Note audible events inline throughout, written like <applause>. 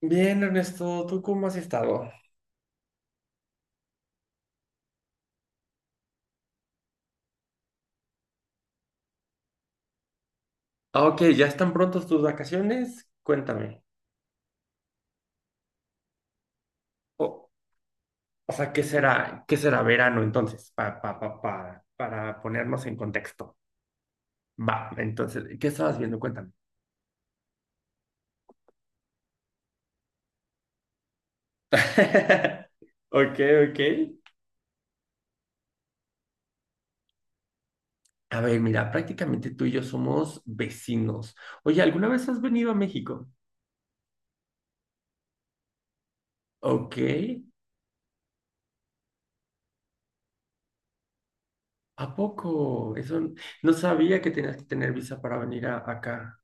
Bien, Ernesto, ¿tú cómo has estado? Ah, Ok, ¿ya están prontos tus vacaciones? Cuéntame. O, o sea, qué será verano entonces? Para ponernos en contexto. Va, entonces, ¿qué estabas viendo? Cuéntame. <laughs> Ok, ok. A ver, mira, prácticamente tú y yo somos vecinos. Oye, ¿alguna vez has venido a México? Ok, ¿a poco? No sabía que tenías que tener visa para venir acá.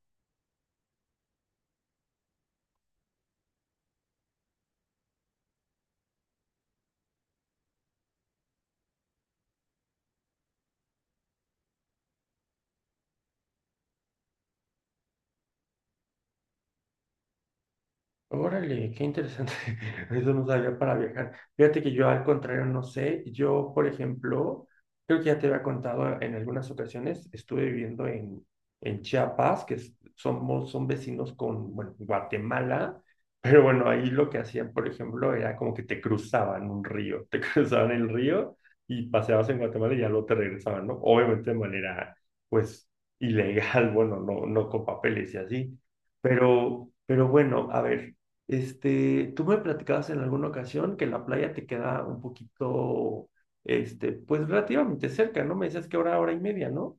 Órale, qué interesante. <laughs> Eso no sabía para viajar. Fíjate que yo al contrario no sé. Yo, por ejemplo, creo que ya te había contado en algunas ocasiones, estuve viviendo en Chiapas, somos, son vecinos con, bueno, Guatemala, pero bueno, ahí lo que hacían, por ejemplo, era como que te cruzaban un río, te <laughs> cruzaban el río y paseabas en Guatemala y ya luego te regresaban, ¿no? Obviamente de manera, pues, ilegal, <laughs> bueno, no, no con papeles y así. Pero bueno, a ver. Tú me platicabas en alguna ocasión que la playa te queda un poquito, pues relativamente cerca, ¿no? Me decías que hora, hora y media, ¿no?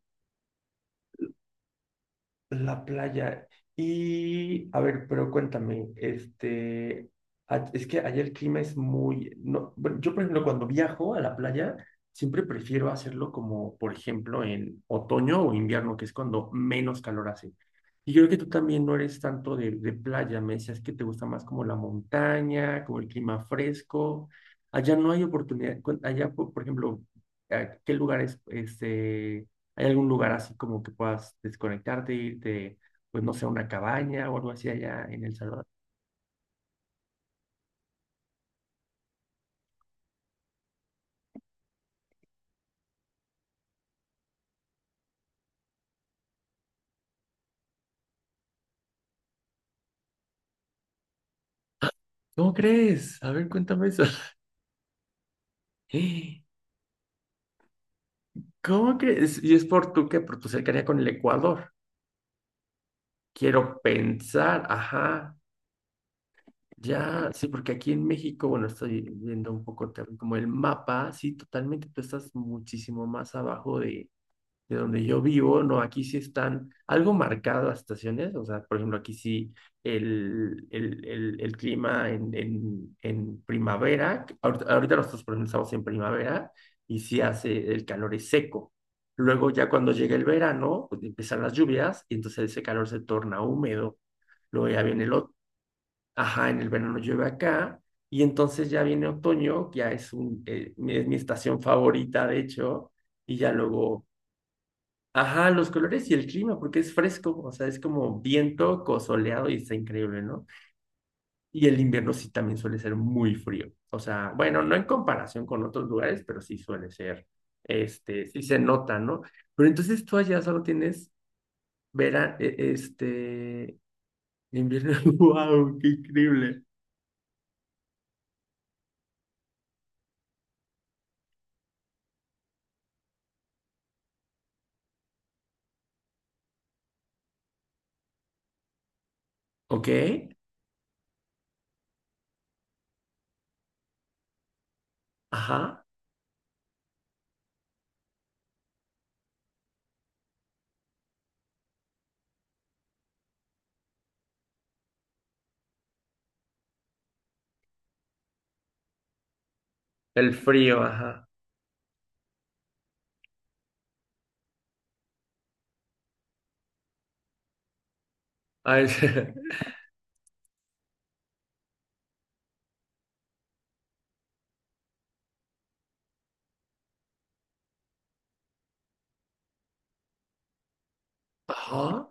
La playa. Y, a ver, pero cuéntame, es que allá el clima es muy, no, bueno, yo por ejemplo cuando viajo a la playa, siempre prefiero hacerlo como, por ejemplo, en otoño o invierno, que es cuando menos calor hace. Y yo creo que tú también no eres tanto de playa, me decías que te gusta más como la montaña, como el clima fresco. Allá no hay oportunidad, allá, por ejemplo, ¿a ¿qué lugares, ¿hay algún lugar así como que puedas desconectarte, irte, pues no sé, a una cabaña o algo así allá en El Salvador? ¿Cómo crees? A ver, cuéntame eso. <gasps> <laughs> ¿Cómo crees? ¿Y es por tu qué? Por tu cercanía con el Ecuador. Quiero pensar, ajá, ya, sí, porque aquí en México, bueno, estoy viendo un poco también como el mapa, sí, totalmente, tú estás muchísimo más abajo de donde yo vivo, no, aquí sí están algo marcadas las estaciones, o sea, por ejemplo, aquí sí el clima en primavera, ahorita nosotros por ejemplo, estamos en primavera y sí hace, el calor es seco. Luego ya cuando llega el verano, pues empiezan las lluvias y entonces ese calor se torna húmedo. Luego ya viene el otro, ajá, en el verano llueve acá y entonces ya viene otoño, que ya es, es mi estación favorita, de hecho, y ya luego ajá, los colores y el clima, porque es fresco, o sea, es como viento soleado y está increíble, ¿no? Y el invierno sí también suele ser muy frío, o sea, bueno, no en comparación con otros lugares, pero sí suele ser, sí se nota, ¿no? Pero entonces tú allá solo tienes verano, invierno, <laughs> wow, qué increíble. ¿Ok? Ajá, el frío, ajá. Ah, el- <laughs> Ajá.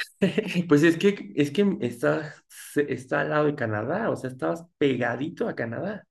<laughs> Pues es que estás, está al lado de Canadá, o sea, estabas pegadito a Canadá.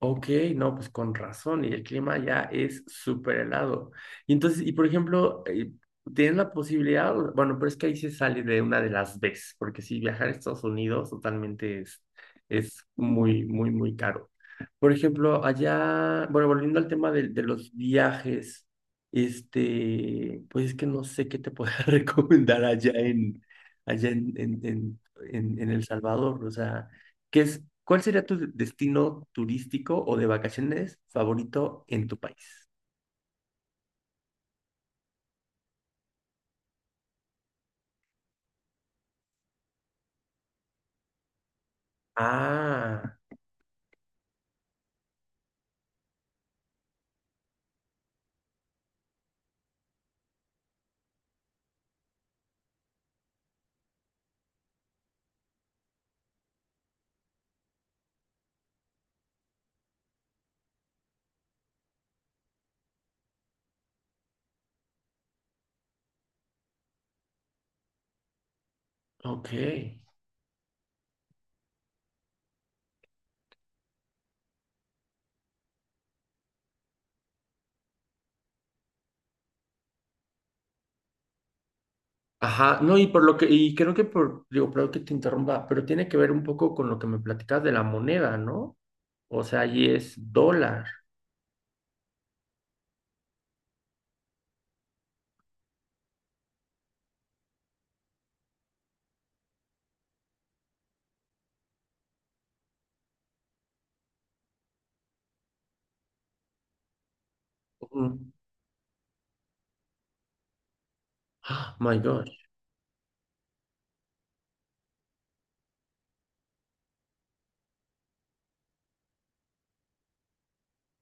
Ok, no, pues con razón, y el clima ya es súper helado. Y entonces, y por ejemplo, ¿tienes la posibilidad? Bueno, pero es que ahí se sale de una de las veces porque si viajar a Estados Unidos totalmente es muy, muy, muy caro. Por ejemplo, allá, bueno, volviendo al tema de los viajes, pues es que no sé qué te pueda <laughs> recomendar allá en El Salvador, o sea. ¿Qué es, cuál sería tu destino turístico o de vacaciones favorito en tu país? Ah, ok. Ajá, no, y por lo que, y creo que por, digo, perdón que te interrumpa, pero tiene que ver un poco con lo que me platicas de la moneda, ¿no? O sea, allí es dólar. Ujú. Ah, my God.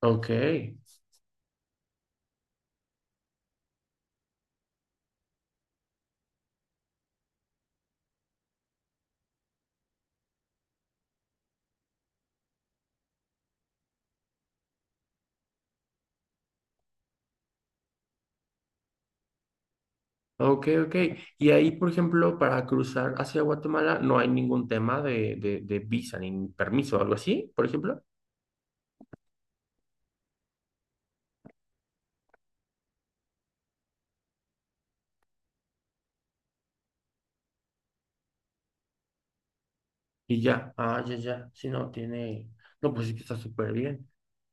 Ok, ok, ok. Y ahí, por ejemplo, para cruzar hacia Guatemala no hay ningún tema de visa ni permiso o algo así, por ejemplo. Y ya, ah, ya, ya, si no tiene, no, pues sí que está súper bien.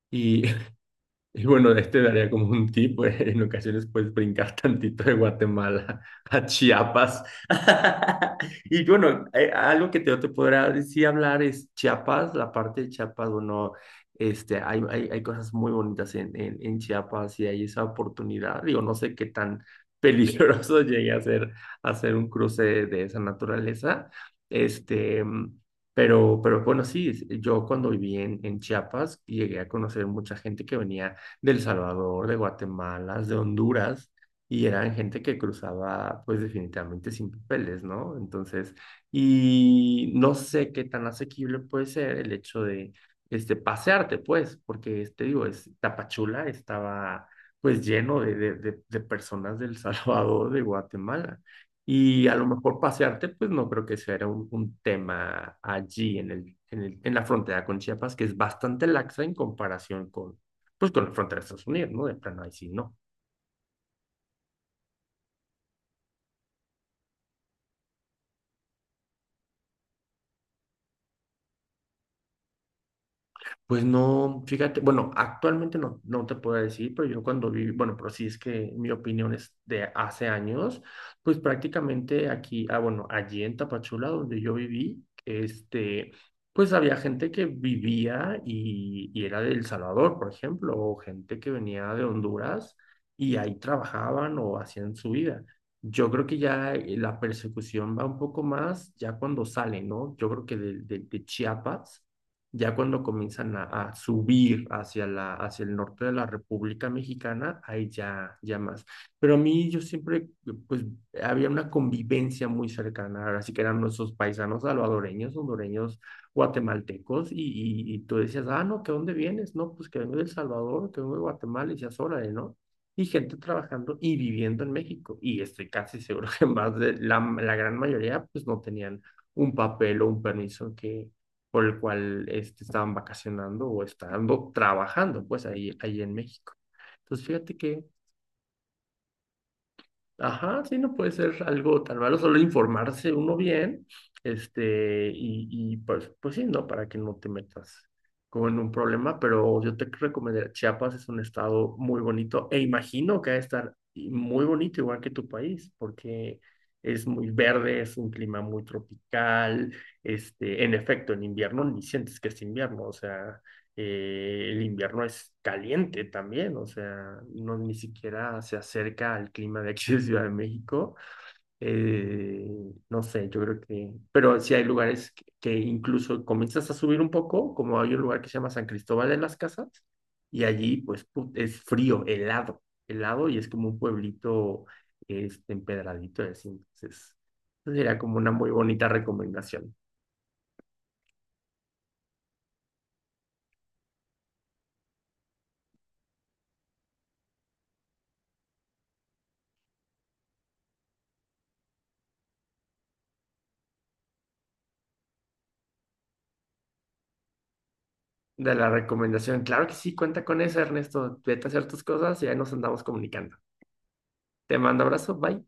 Y <laughs> Y bueno, daría como un tip, pues, en ocasiones puedes brincar <laughs> tantito de Guatemala a Chiapas. <laughs> Y bueno, yo te podrá decir hablar es Chiapas, la parte de Chiapas, bueno, hay cosas muy bonitas en Chiapas y hay esa oportunidad. Digo, no sé qué tan peligroso <laughs> llegue a ser hacer un cruce de esa naturaleza. Este, pero bueno, sí, yo cuando viví en Chiapas llegué a conocer mucha gente que venía de El Salvador, de Guatemala, de Honduras, y eran gente que cruzaba pues definitivamente sin papeles, ¿no? Entonces, y no sé qué tan asequible puede ser el hecho de pasearte, pues, porque, digo, es, Tapachula estaba pues lleno de personas del <laughs> Salvador, de Guatemala. Y a lo mejor pasearte, pues no creo que sea un tema allí en la frontera con Chiapas, que es bastante laxa en comparación con, pues con la frontera de Estados Unidos, ¿no? De plano, ahí sí, no. Pues no, fíjate, bueno, actualmente no, no te puedo decir, pero yo cuando viví, bueno, pero sí es que mi opinión es de hace años, pues prácticamente aquí, ah, bueno, allí en Tapachula, donde yo viví, pues había gente que vivía y era de El Salvador, por ejemplo, o gente que venía de Honduras y ahí trabajaban o hacían su vida. Yo creo que ya la persecución va un poco más ya cuando sale, ¿no? Yo creo que de Chiapas ya cuando comienzan a subir hacia la, hacia el norte de la República Mexicana, ahí ya, ya más. Pero a mí yo siempre, pues, había una convivencia muy cercana, así que eran nuestros paisanos salvadoreños, hondureños, guatemaltecos, y tú decías, ah, no, ¿que dónde vienes? No, pues que vengo de El Salvador, que vengo de Guatemala, y decías, órale, ¿no? Y gente trabajando y viviendo en México. Y estoy casi seguro <laughs> que más de la, la gran mayoría, pues, no tenían un papel o un permiso que por el cual estaban vacacionando o estando trabajando, pues ahí, ahí en México. Entonces, fíjate que, ajá, sí, no puede ser algo tan malo, solo informarse uno bien, y pues, pues sí, ¿no? Para que no te metas como en un problema, pero yo te recomendaría, Chiapas es un estado muy bonito e imagino que va a estar y muy bonito igual que tu país, porque es muy verde, es un clima muy tropical, en efecto, en invierno ni sientes que es invierno, o sea, el invierno es caliente también, o sea, no ni siquiera se acerca al clima de aquí de Ciudad de México. Eh, no sé, yo creo que, pero sí hay lugares que incluso comienzas a subir un poco, como hay un lugar que se llama San Cristóbal de las Casas, y allí es frío, helado, helado, y es como un pueblito empedradito, y así. Entonces, sería como una muy bonita recomendación. De la recomendación. Claro que sí, cuenta con eso, Ernesto. Vete a hacer tus cosas y ahí nos andamos comunicando. Te mando abrazo, bye.